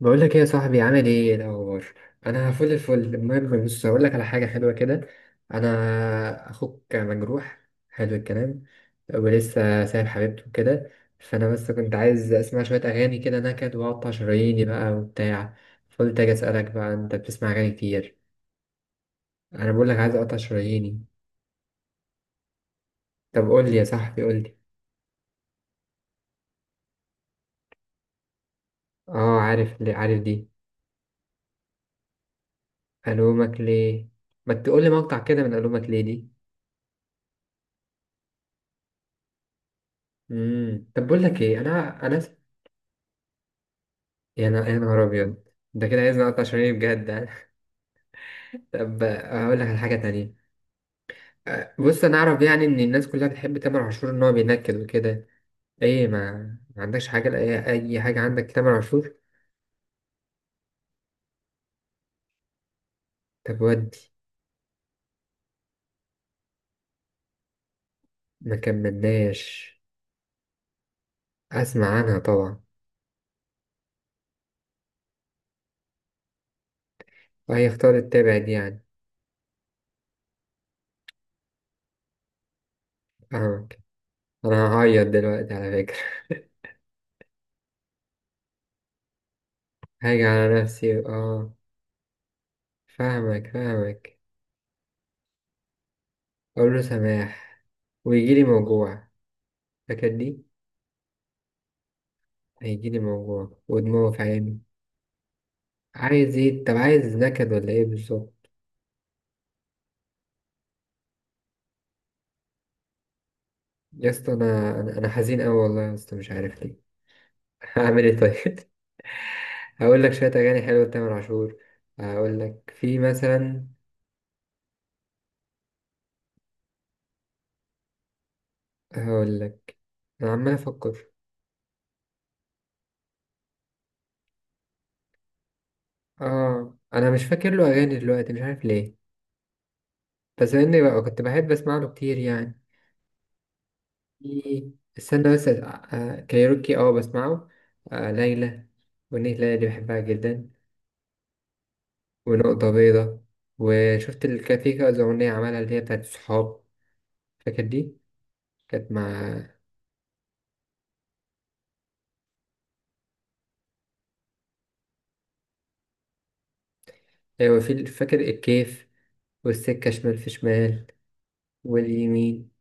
بقول لك ايه يا صاحبي؟ عامل ايه؟ إيه الاخبار؟ انا فل الفل. المهم بص، هقول لك على حاجه حلوه كده. انا اخوك مجروح. حلو الكلام. ولسه سايب حبيبته كده. فانا بس كنت عايز اسمع شويه اغاني كده نكد واقطع شراييني بقى وبتاع. فقلت اجي اسالك، بقى انت بتسمع اغاني كتير؟ انا بقول لك عايز اقطع شراييني. طب قول لي يا صاحبي، قول لي. اه عارف ليه؟ عارف دي؟ الومك ليه؟ ما تقول لي مقطع كده من الومك ليه دي. طب بقول لك ايه، انا. يا نهار أبيض، ده كده عايز نقطع شرايين بجد يعني. طب هقول لك على حاجة تانية. بص أنا أعرف يعني إن الناس كلها بتحب تامر عاشور، إن هو بينكد وكده. إيه ما عندكش حاجة؟ لأي حاجة عندك تامر عاشور؟ طب ودي ما كملناش. أسمع عنها طبعا. وهي اختارت تبعد يعني. فاهمك. أنا هعيط دلوقتي على فكرة. هاجي على نفسي آه. فاهمك فاهمك. أقول له سماح، ويجيلي موجوع. فاكر دي؟ هيجيلي موجوع ودموع في عيني. عايز ايه؟ طب عايز نكد ولا ايه بالظبط؟ يا اسطى، انا انا أنا حزين قوي والله يا اسطى، مش عارف ليه. هعمل ايه طيب؟ هقول لك شويه اغاني حلوه لتامر عاشور. هقول لك في مثلا. هقول لك. انا عمال افكر. اه انا مش فاكر له اغاني دلوقتي، مش عارف ليه. بس اني بقى كنت بحب اسمع له كتير يعني. استنى بس آه، كايروكي اه بسمعه. آه ليلى، والأغنية ليلى دي بحبها جدا. ونقطة بيضة. وشفت الكافيه، كذا أغنية عملها اللي هي بتاعت الصحاب، فاكر دي؟ كانت مع. فاكر الكيف؟ والسكة شمال في شمال، واليمين.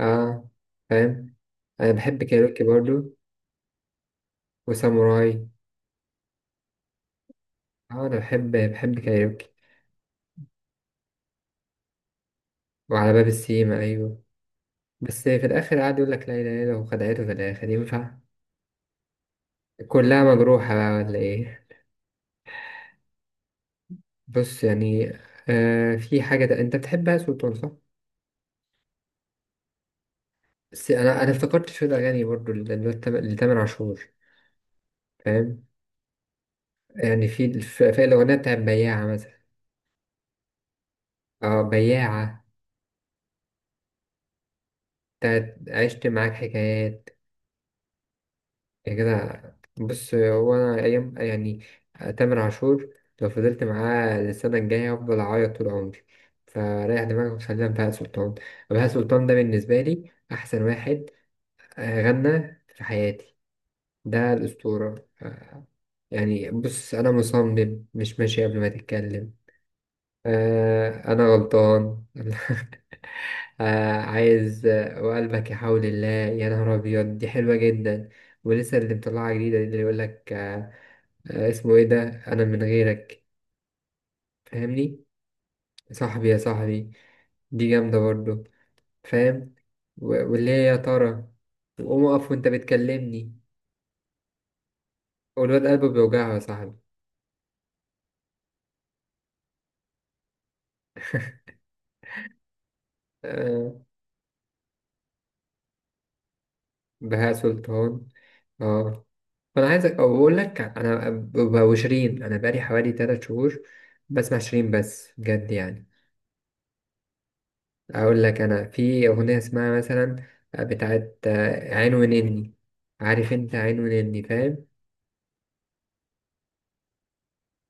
اه، فاهم. أنا بحب كايروكي برضو، وساموراي. اه أنا بحب كايروكي. وعلى باب السيما أيوة. بس في الآخر قعد يقول لك لا إله إلا الله، وخدعته في الآخر، ينفع؟ كلها مجروحة بقى ولا إيه؟ بص يعني. آه في حاجة أنت بتحبها، سلطان صح؟ بس انا افتكرت شويه اغاني برضو لتامر عاشور. فاهم. يعني في الاغنيه بتاعت بياعه مثلا. اه بياعه. بتاعت عشت معاك حكايات. يا كده. بص هو انا ايام يعني، تامر عاشور لو فضلت معاه السنه الجايه هفضل اعيط طول عمري. فريح دماغك، وخلينا في بهاء سلطان. بهاء سلطان ده بالنسبه لي احسن واحد. آه، غنى في حياتي. ده الاسطوره. آه، يعني بص انا مصمم مش ماشي قبل ما تتكلم. آه أنا غلطان. آه عايز آه، وقلبك يحاول الله، يا نهار أبيض دي حلوة جدا. ولسه اللي مطلعها جديدة دي اللي يقول لك آه. آه، اسمه إيه ده، أنا من غيرك. فاهمني. صاحبي يا صاحبي، دي جامدة برضو. فاهم. واللي هي يا ترى. وقوم أقف وأنت بتكلمني. والواد قلبه بيوجعه يا صاحبي. آه بهاء سلطان. آه. فانا عايزك او بقول لك، انا ببقى وشيرين، انا بقالي حوالي 3 شهور بسمع شيرين بس، بجد يعني. اقول لك انا في اغنيه اسمها مثلا، بتاعت عين ونني. عارف انت عين ونني، فاهم.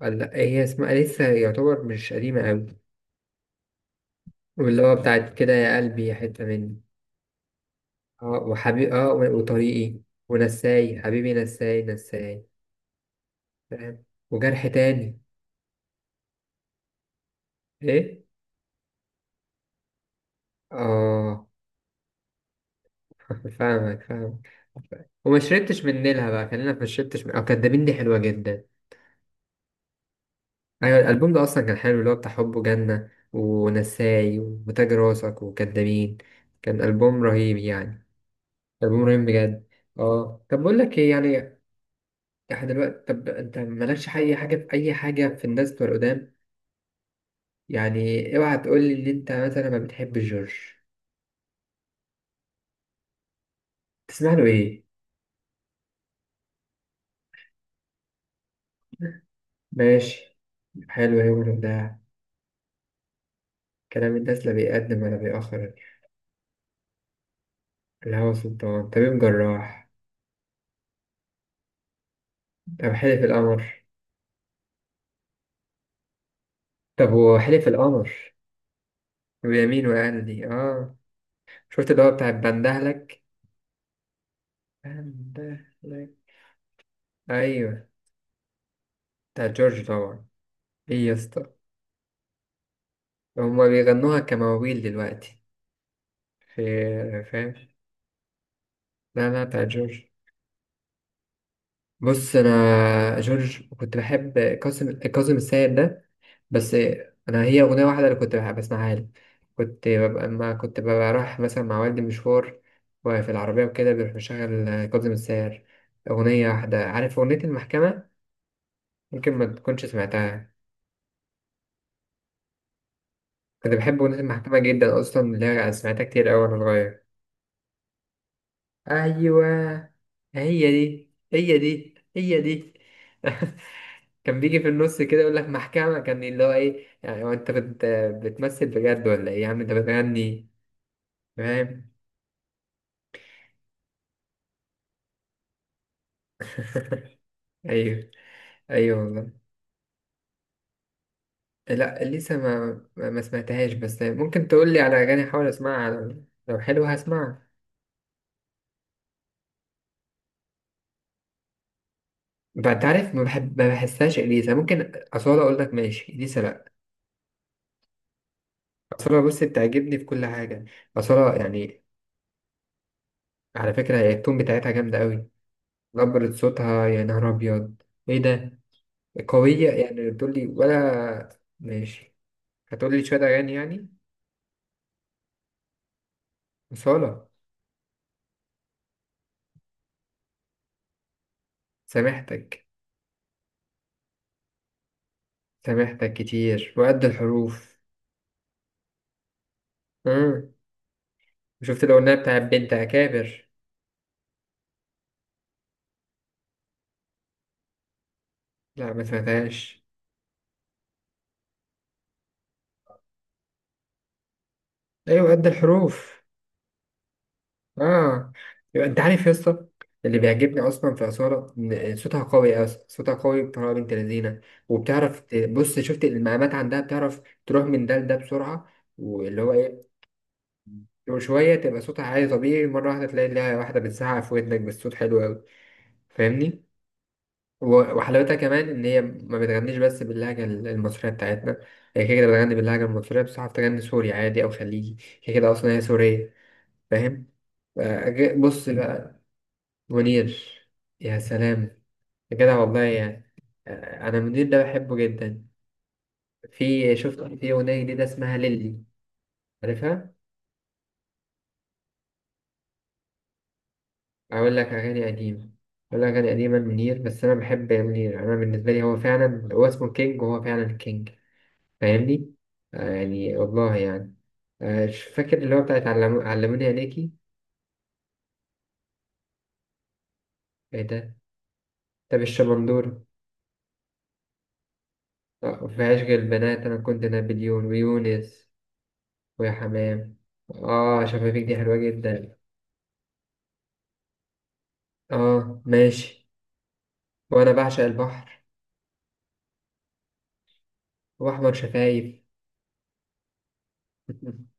ولا هي اسمها، لسه يعتبر مش قديمه قوي. واللي هو بتاعت كده يا قلبي، يا حته مني. اه وحبيبي، اه وطريقي. ونساي حبيبي نساي نساي. فاهم. وجرح تاني. ايه. اه فاهمك فاهمك. وما شربتش من نيلها بقى، خلينا في ما شربتش من، أو كدابين دي حلوة جدا. أيوة الألبوم ده أصلا كان حلو، اللي هو بتاع حب جنة ونساي وتاج راسك وكدابين. كان ألبوم رهيب يعني. ألبوم رهيب بجد. اه طب بقول لك ايه يعني، احنا دلوقتي، طب انت مالكش اي حاجة في اي حاجة في الناس بتوع القدام؟ يعني اوعى تقول لي ان انت مثلا ما بتحبش جورج. تسمع له ايه؟ ماشي. حلو يا ده. كلام الناس لا بيقدم ولا بيأخر. الهوى سلطان، طبيب جراح. طب حلف القمر. طب هو حلف القمر، ويمين، وقال دي اه. شفت اللي هو بتاع بندهلك؟ بندهلك. ايوه، بتاع جورج طبعا. ايه يا اسطى؟ هما بيغنوها كمواويل دلوقتي. في. فاهم. لا لا، بتاع جورج. بص انا جورج كنت بحب، كاظم السيد ده. بس انا هي اغنيه واحده اللي كنت بحب اسمعها له. كنت ببقى لما كنت ببقى رايح مثلا مع والدي مشوار، وفي العربيه وكده بيروح مشغل آه، كاظم الساهر. اغنيه واحده، عارف اغنيه المحكمه؟ ممكن ما تكونش سمعتها. كنت بحب اغنيه المحكمه جدا اصلا، اللي هي سمعتها كتير قوي وانا صغير. ايوه، هي دي هي دي هي دي. كان بيجي في النص كده يقول لك محكمه، كان اللي هو ايه يعني، هو انت بتمثل بجد ولا ايه يا عم انت بتغني؟ فاهم. ايوه، ايوه والله. لا لسه ما سمعتهاش، بس ممكن تقول لي على اغاني احاول اسمعها، لو حلوه هسمعها. انت عارف، ما بحسهاش اليسا، ممكن اصاله، اقول لك ماشي اليسا لا. اصاله بص بتعجبني في كل حاجه. اصاله يعني. على فكره هي التون بتاعتها جامده قوي. نبره صوتها يا نهار ابيض. ايه ده؟ قويه يعني، تقول لي ولا ماشي؟ هتقول لي شويه اغاني يعني. اصاله. سامحتك. سامحتك كتير، وقد الحروف. شفت الأغنية بتاع بنت أكابر؟ لا ما سمعتهاش. أيوة قد الحروف. آه. يبقى أنت عارف يا اسطى، اللي بيعجبني أصلا في أصالة إن صوتها قوي أصلا، صوتها قوي بطريقة بنت لذينة. وبتعرف بص شفت المقامات عندها، بتعرف تروح من ده لده بسرعة. واللي هو إيه. وشوية تبقى صوتها عالي طبيعي، مرة واحدة تلاقي لها واحدة بتزعق في ودنك بالصوت، حلو أوي. فاهمني؟ وحلاوتها كمان ان هي ما بتغنيش بس باللهجه المصريه بتاعتنا. هي كده كده بتغني باللهجه المصريه، بس عارف تغني سوري عادي او خليجي. هي كده اصلا، هي سوريه. فاهم. آه، بص بقى. منير، يا سلام، يا جدع والله يعني. آه، انا منير ده بحبه جدا. في شفت في اغنيه جديده اسمها ليلي؟ عارفها؟ اقول لك اغاني قديمه. منير. بس انا بحب منير، انا بالنسبه لي هو فعلا، هو اسمه كينج وهو فعلا كينج. فاهمني. آه يعني والله يعني. آه مش فاكر اللي هو بتاعت علموني عليكي. ايه ده. طب الشمندورة. آه مفيهاش غير البنات، انا كنت نابليون ويونس. ويا حمام. اه، شفافيك دي حلوة جدا. اه ماشي. وانا بعشق البحر. واحمر شفايف.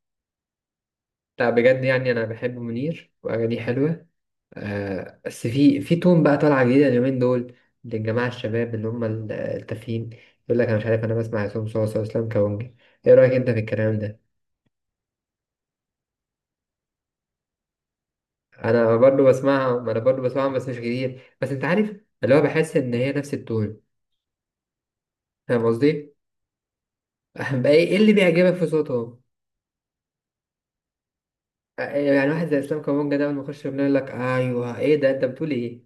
لا بجد يعني، انا بحب منير واغانيه حلوة. آه، بس في تون بقى طالعة جديدة اليومين دول، للجماعة الشباب اللي هم التافهين. يقول لك أنا مش عارف، أنا بسمع عصام صوصة وإسلام كونجي. إيه رأيك أنت في الكلام ده؟ أنا برضه بسمعهم، بس مش كتير، بس أنت عارف، اللي هو بحس إن هي نفس التون. فاهم قصدي؟ بقى إيه اللي بيعجبك في صوتهم؟ آه، يعني واحد زي إسلام كونجي ده، لما يخش يغني يقول لك أيوه إيه ده، أنت بتقول إيه؟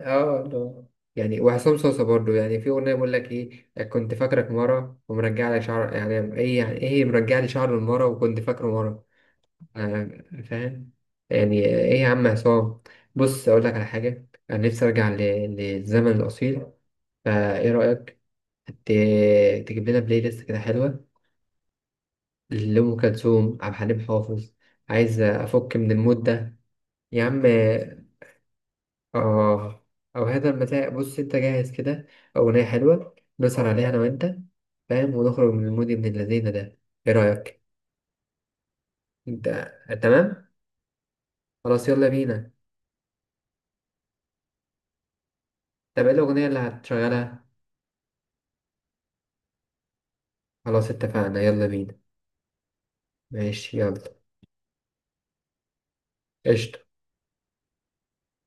اه والله يعني. وعصام صوصة برضو، يعني في أغنية بقول لك إيه، كنت فاكرك مرة ومرجع لي شعر، يعني إيه، مرجع لي شعر المرة وكنت فاكره مرة. آه فاهم. يعني إيه يا عم عصام؟ بص أقول لك على حاجة، أنا نفسي أرجع للزمن الأصيل. فإيه رأيك، تجيب لنا بلاي ليست كده حلوة لأم كلثوم، عبد الحليم حافظ؟ عايز أفك من المود ده. يا عم اه، او هذا المساء. بص انت جاهز كده، اغنيه حلوه نسهر عليها انا وانت. فاهم، ونخرج من المود ابن اللذين ده. ايه رايك؟ انت. تمام. خلاص يلا بينا. طب ايه الاغنيه اللي هتشغلها؟ خلاص اتفقنا، يلا بينا. ماشي يلا. قشطة.